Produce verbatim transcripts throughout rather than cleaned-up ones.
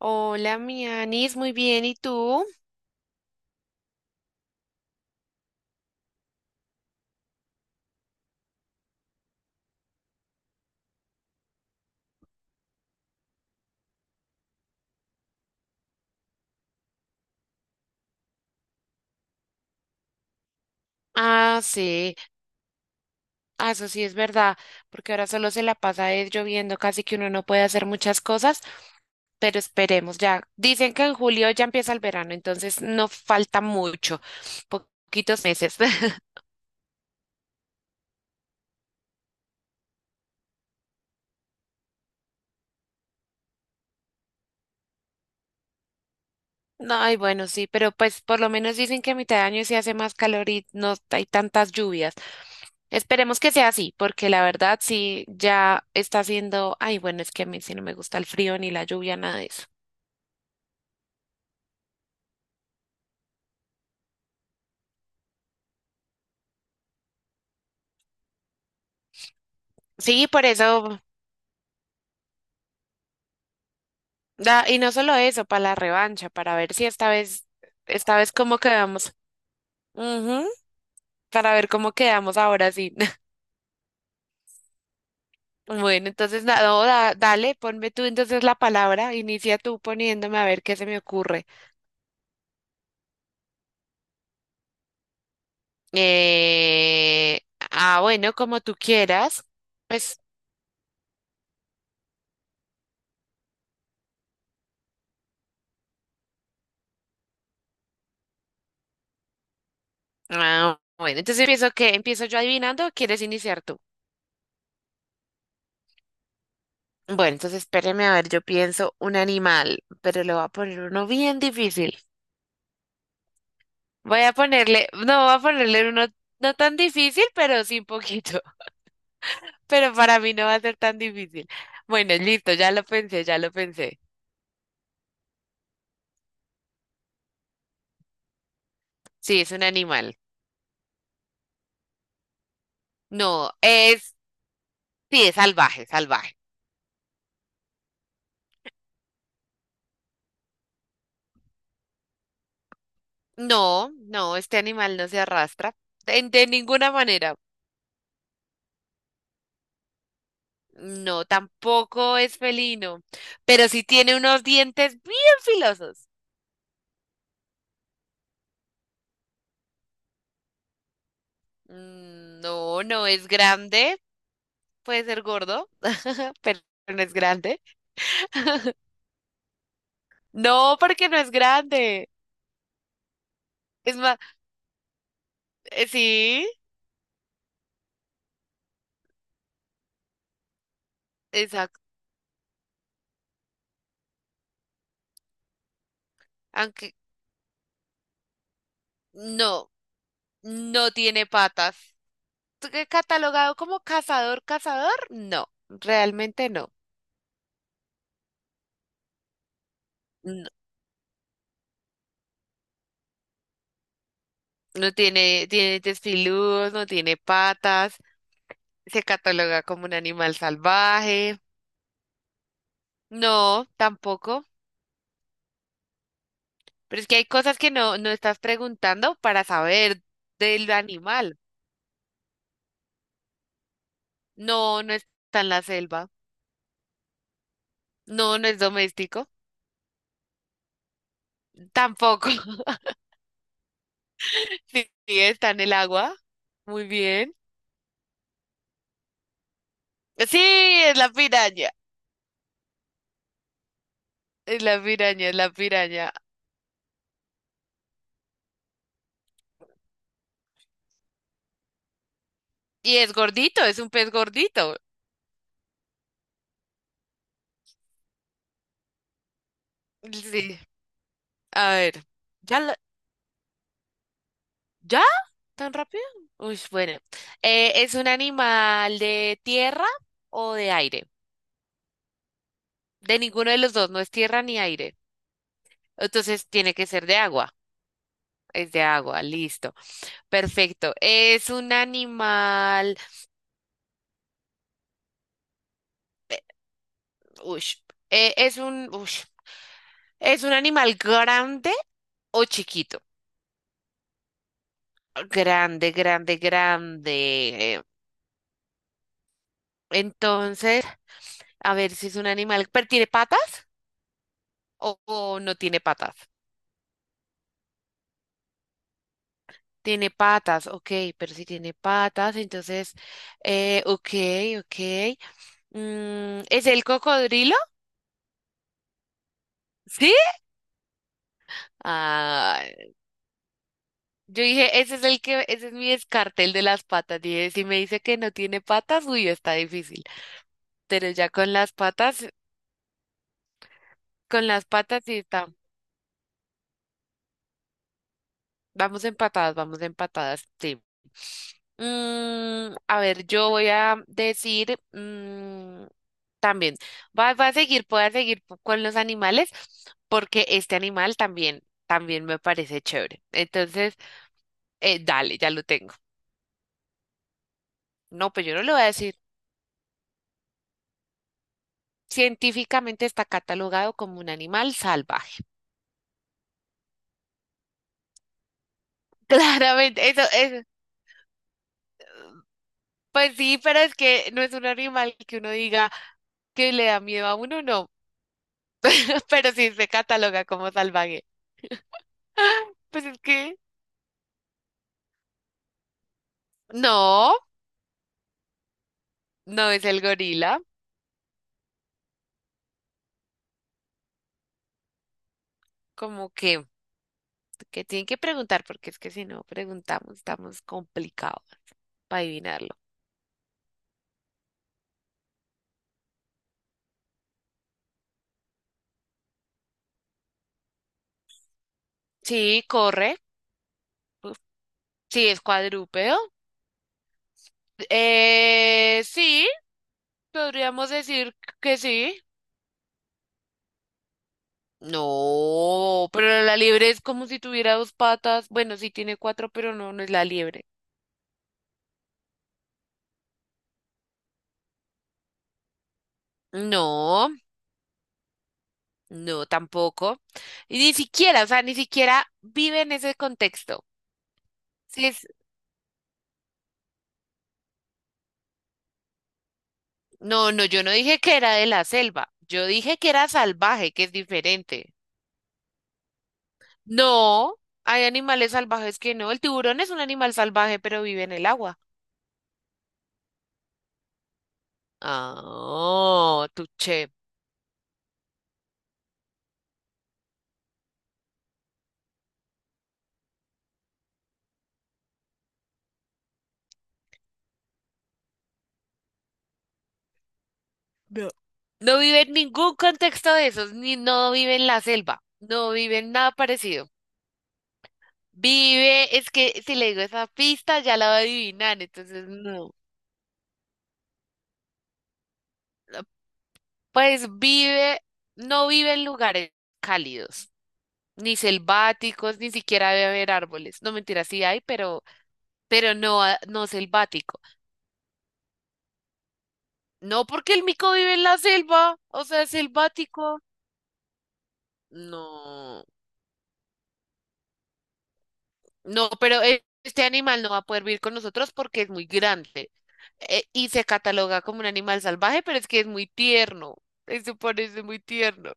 Hola, mi Anis, muy bien, ¿y tú? Ah, sí, ah, eso sí es verdad, porque ahora solo se la pasa es lloviendo, casi que uno no puede hacer muchas cosas, pero esperemos ya. Dicen que en julio ya empieza el verano, entonces no falta mucho, poquitos meses. No, ay, bueno, sí, pero pues por lo menos dicen que a mitad de año sí hace más calor y no hay tantas lluvias. Esperemos que sea así, porque la verdad sí ya está haciendo, ay, bueno, es que a mí sí no me gusta el frío ni la lluvia, nada de eso. Sí, por eso, da- y no solo eso, para la revancha, para ver si esta vez, esta vez cómo quedamos. Ujú, para ver cómo quedamos ahora sí. Bueno, entonces, na- no, da- dale, ponme tú entonces la palabra, inicia tú poniéndome a ver qué se me ocurre. Eh, ah, bueno, como tú quieras, pues, ah, bueno, entonces empiezo que, empiezo yo adivinando, o ¿quieres iniciar tú? Bueno, entonces espéreme a ver, yo pienso un animal, pero le voy a poner uno bien difícil. Voy a ponerle, no, voy a ponerle uno no tan difícil, pero sí un poquito. Pero para mí no va a ser tan difícil. Bueno, listo, ya lo pensé, ya lo pensé. Sí, es un animal. No, es, sí, es salvaje, salvaje. No, no, este animal no se arrastra de, de ninguna manera. No, tampoco es felino, pero sí tiene unos dientes bien filosos. Mm, no, no es grande, puede ser gordo, pero no es grande. No, porque no es grande. Es más, eh, sí, exacto. Aunque no, no tiene patas. ¿Tú qué catalogado como cazador, cazador? No, realmente no. No, no tiene, tiene dientes filudos, no tiene patas. Se cataloga como un animal salvaje. No, tampoco. Pero es que hay cosas que no, no estás preguntando para saber del animal. No, no está en la selva. No, no es doméstico. Tampoco. Sí, está en el agua. Muy bien. Sí, es la piraña. Es la piraña, es la piraña. Y es gordito, es un pez gordito. Sí. A ver. ¿Ya? la- ¿Ya? ¿Tan rápido? Uy, bueno. Eh, ¿es un animal de tierra o de aire? De ninguno de los dos, no es tierra ni aire. Entonces tiene que ser de agua. Es de agua, listo. Perfecto. ¿Es un animal? Ush. Eh, es un, ush. ¿Es un animal grande o chiquito? Grande, grande, grande. Entonces, a ver si es un animal, pero ¿tiene patas o, o no tiene patas? Tiene patas, ok, pero si tiene patas, entonces, eh, ok, ok. Mm, ¿es el cocodrilo? ¿Sí? Ah, yo dije, ese es el que, ese es mi descarte, el de las patas. Dije, si me dice que no tiene patas, uy, está difícil. Pero ya con las patas, con las patas sí está. Vamos empatadas, vamos empatadas, sí. Mm, a ver, yo voy a decir mm, también, va, va a seguir, voy a seguir po- con los animales porque este animal también, también me parece chévere. Entonces, eh, dale, ya lo tengo. No, pues yo no lo voy a decir. Científicamente está catalogado como un animal salvaje. Claramente, eso es, pues sí, pero es que no es un animal que uno diga, que le da miedo a uno, no, pero sí se cataloga como salvaje. Pues es que no, no es el gorila, como que, que tienen que preguntar, porque es que si no preguntamos estamos complicados para adivinarlo. Sí, corre, uf, sí, es cuadrúpedo. Eh, sí, podríamos decir que sí. No, pero la liebre es como si tuviera dos patas. Bueno, sí tiene cuatro, pero no, no es la liebre. No. No, tampoco. Y ni siquiera, o sea, ni siquiera vive en ese contexto. Sí, es… No, no, yo no dije que era de la selva. Yo dije que era salvaje, que es diferente. No, hay animales salvajes que no. El tiburón es un animal salvaje, pero vive en el agua. Ah, tuché. No vive en ningún contexto de esos, ni no vive en la selva. No vive en nada parecido. Vive, es que si le digo esa pista ya la va a adivinar, entonces no. Pues vive, no vive en lugares cálidos, ni selváticos, ni siquiera debe haber árboles. No, mentira, sí hay, pero, pero no, a- no selvático. No, porque el mico vive en la selva, o sea, selvático. No, no, pero e- este animal no va a poder vivir con nosotros porque es muy grande, eh, y se cataloga como un animal salvaje, pero es que es muy tierno. Eso parece muy tierno.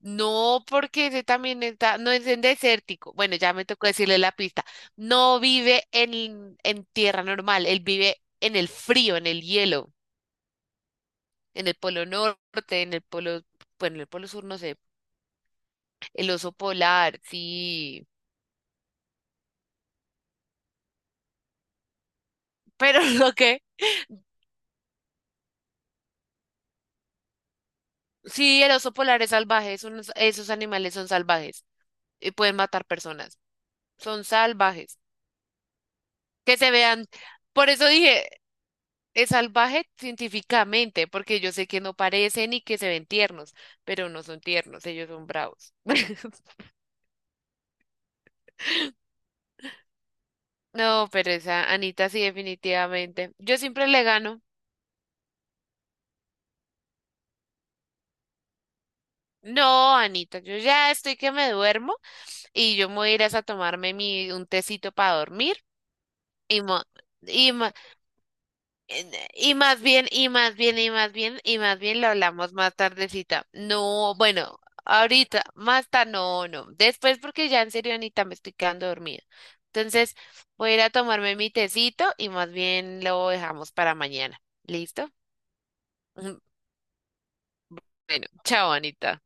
No, porque ese también está, no es en desértico. Bueno, ya me tocó decirle la pista. No vive en, en tierra normal, él vive en el frío, en el hielo, en el polo norte, en el polo, bueno, en el polo sur, no sé. El oso polar, sí. Pero lo que, sí, el oso polar es salvaje, es unos- esos animales son salvajes y pueden matar personas. Son salvajes. Que se vean, por eso dije. Es salvaje científicamente, porque yo sé que no parecen y que se ven tiernos, pero no son tiernos, ellos son bravos. No, pero esa Anita sí, definitivamente. Yo siempre le gano. No, Anita, yo ya estoy que me duermo y yo me voy a ir a tomarme mi, un tecito para dormir y, mo- y, mo- En- Y más bien, y más bien, y más bien, y más bien lo hablamos más tardecita. No, bueno, ahorita, más tarde, no, no. Después porque ya en serio, Anita, me estoy quedando dormida. Entonces, voy a ir a tomarme mi tecito y más bien lo dejamos para mañana. ¿Listo? Bueno, chao, Anita.